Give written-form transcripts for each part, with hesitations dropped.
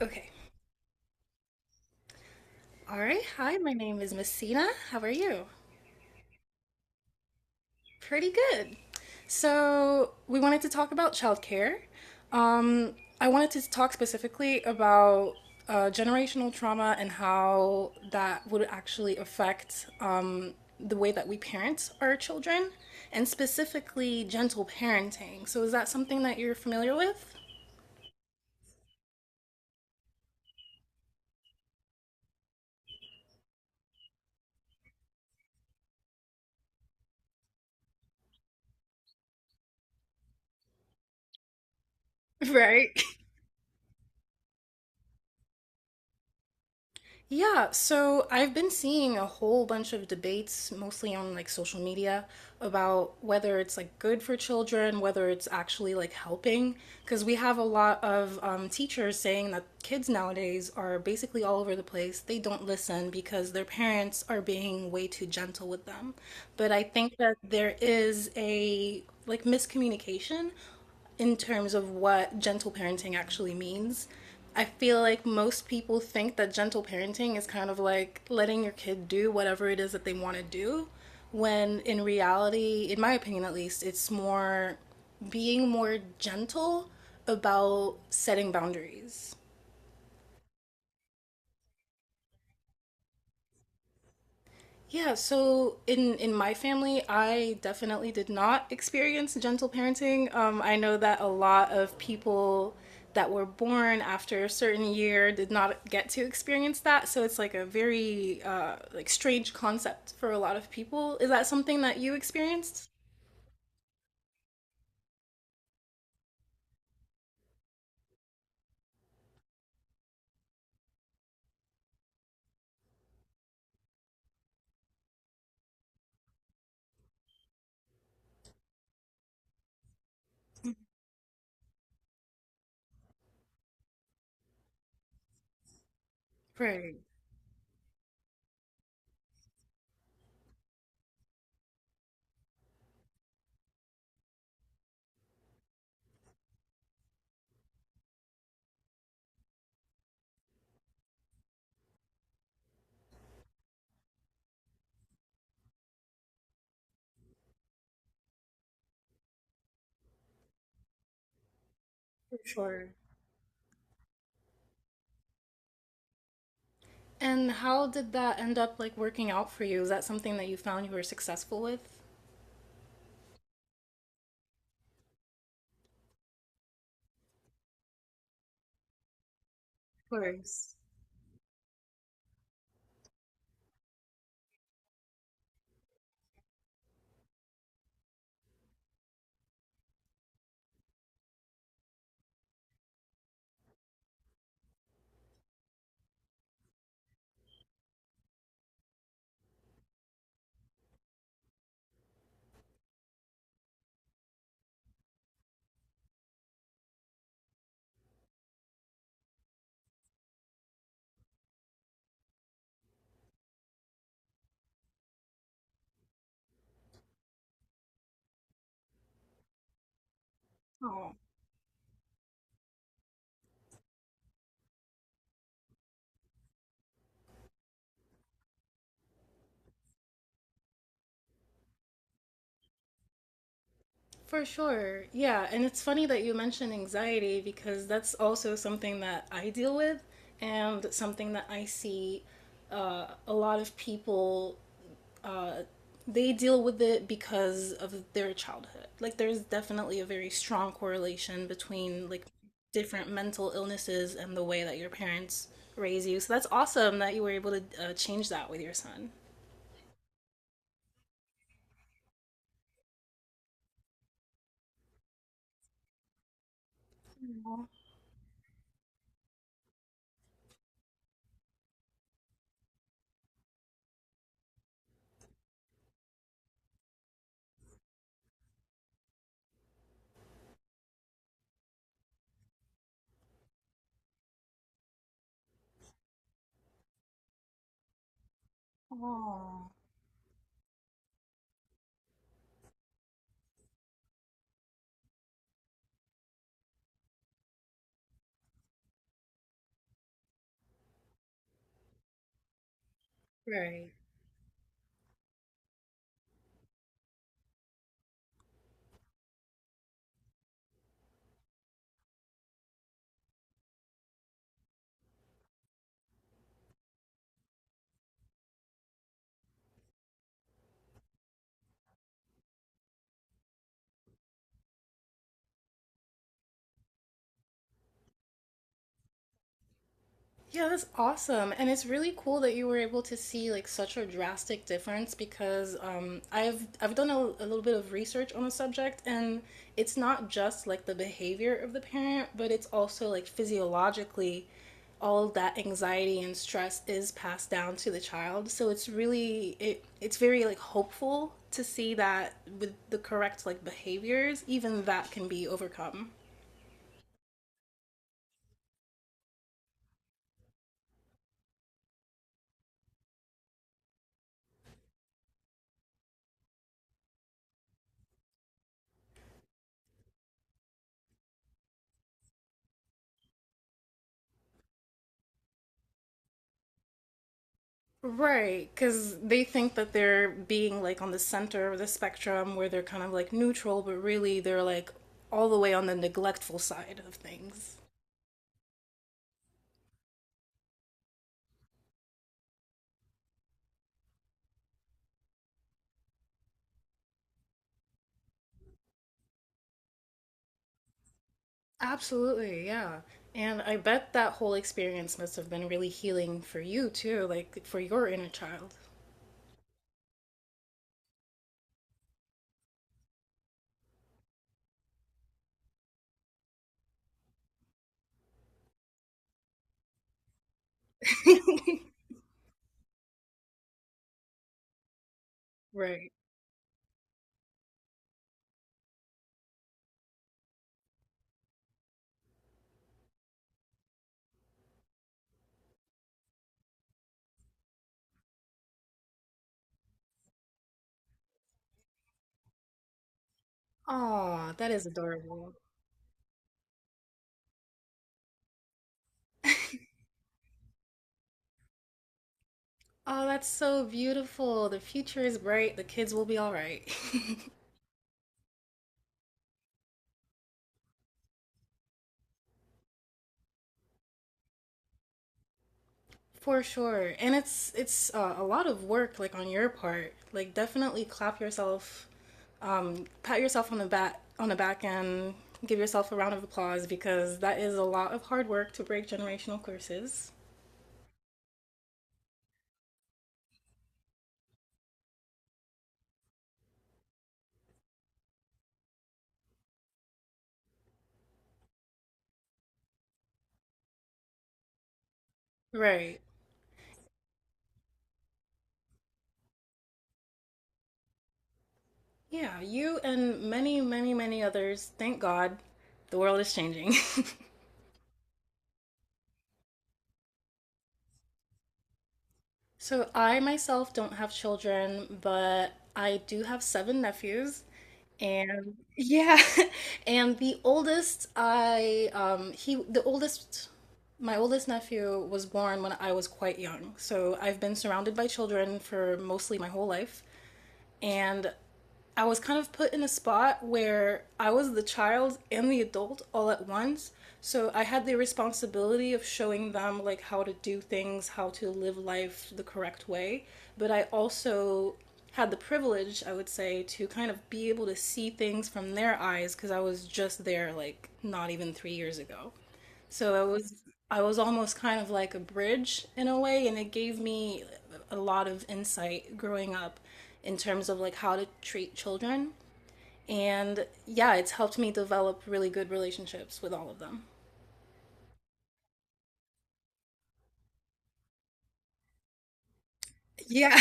Okay. All right. Hi, my name is Messina. How are you? Pretty good. So, we wanted to talk about childcare. Um, I wanted to talk specifically about generational trauma and how that would actually affect the way that we parent our children, and specifically gentle parenting. So, is that something that you're familiar with? Right. Yeah, so I've been seeing a whole bunch of debates, mostly on like social media, about whether it's like good for children, whether it's actually like helping. Because we have a lot of teachers saying that kids nowadays are basically all over the place. They don't listen because their parents are being way too gentle with them. But I think that there is a like miscommunication in terms of what gentle parenting actually means. I feel like most people think that gentle parenting is kind of like letting your kid do whatever it is that they want to do, when in reality, in my opinion at least, it's more being more gentle about setting boundaries. Yeah, so in my family, I definitely did not experience gentle parenting. I know that a lot of people that were born after a certain year did not get to experience that, so it's like a very like strange concept for a lot of people. Is that something that you experienced? Right, for sure. And how did that end up like working out for you? Is that something that you found you were successful with? Of course. For sure. Yeah. And it's funny that you mentioned anxiety because that's also something that I deal with and something that I see a lot of people, uh, they deal with it because of their childhood. Like, there's definitely a very strong correlation between like different mental illnesses and the way that your parents raise you. So that's awesome that you were able to change that with your son. Oh. Right. Yeah, that's awesome. And it's really cool that you were able to see like such a drastic difference because I've done a little bit of research on the subject, and it's not just like the behavior of the parent, but it's also like physiologically all that anxiety and stress is passed down to the child. So it's really it's very like hopeful to see that with the correct like behaviors, even that can be overcome. Right, because they think that they're being like on the center of the spectrum where they're kind of like neutral, but really they're like all the way on the neglectful side of things. Absolutely, yeah. And I bet that whole experience must have been really healing for you too, like for your inner child. Right. Aw, that is adorable. Oh, that's so beautiful. The future is bright. The kids will be all right. For sure. And it's a lot of work like on your part. Like definitely clap yourself pat yourself on the back and give yourself a round of applause because that is a lot of hard work to break generational curses. Right. Yeah, you and many, many, many others, thank God, the world is changing. So I myself don't have children, but I do have seven nephews. And yeah, and the oldest I he the oldest my oldest nephew was born when I was quite young. So I've been surrounded by children for mostly my whole life. And I was kind of put in a spot where I was the child and the adult all at once. So I had the responsibility of showing them like how to do things, how to live life the correct way, but I also had the privilege, I would say, to kind of be able to see things from their eyes because I was just there like not even 3 years ago. So it was I was almost kind of like a bridge in a way, and it gave me a lot of insight growing up in terms of like how to treat children. And yeah, it's helped me develop really good relationships with all of them. Yeah,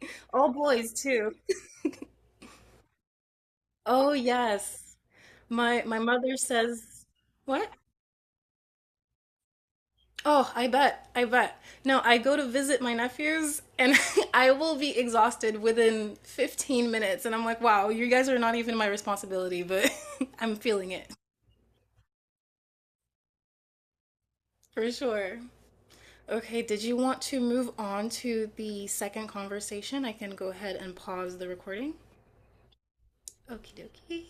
all boys too. Oh yes. My mother says, what? Oh, I bet. I bet. No, I go to visit my nephews and I will be exhausted within 15 minutes. And I'm like, wow, you guys are not even my responsibility, but I'm feeling it for sure. Okay, did you want to move on to the second conversation? I can go ahead and pause the recording. Okie dokie.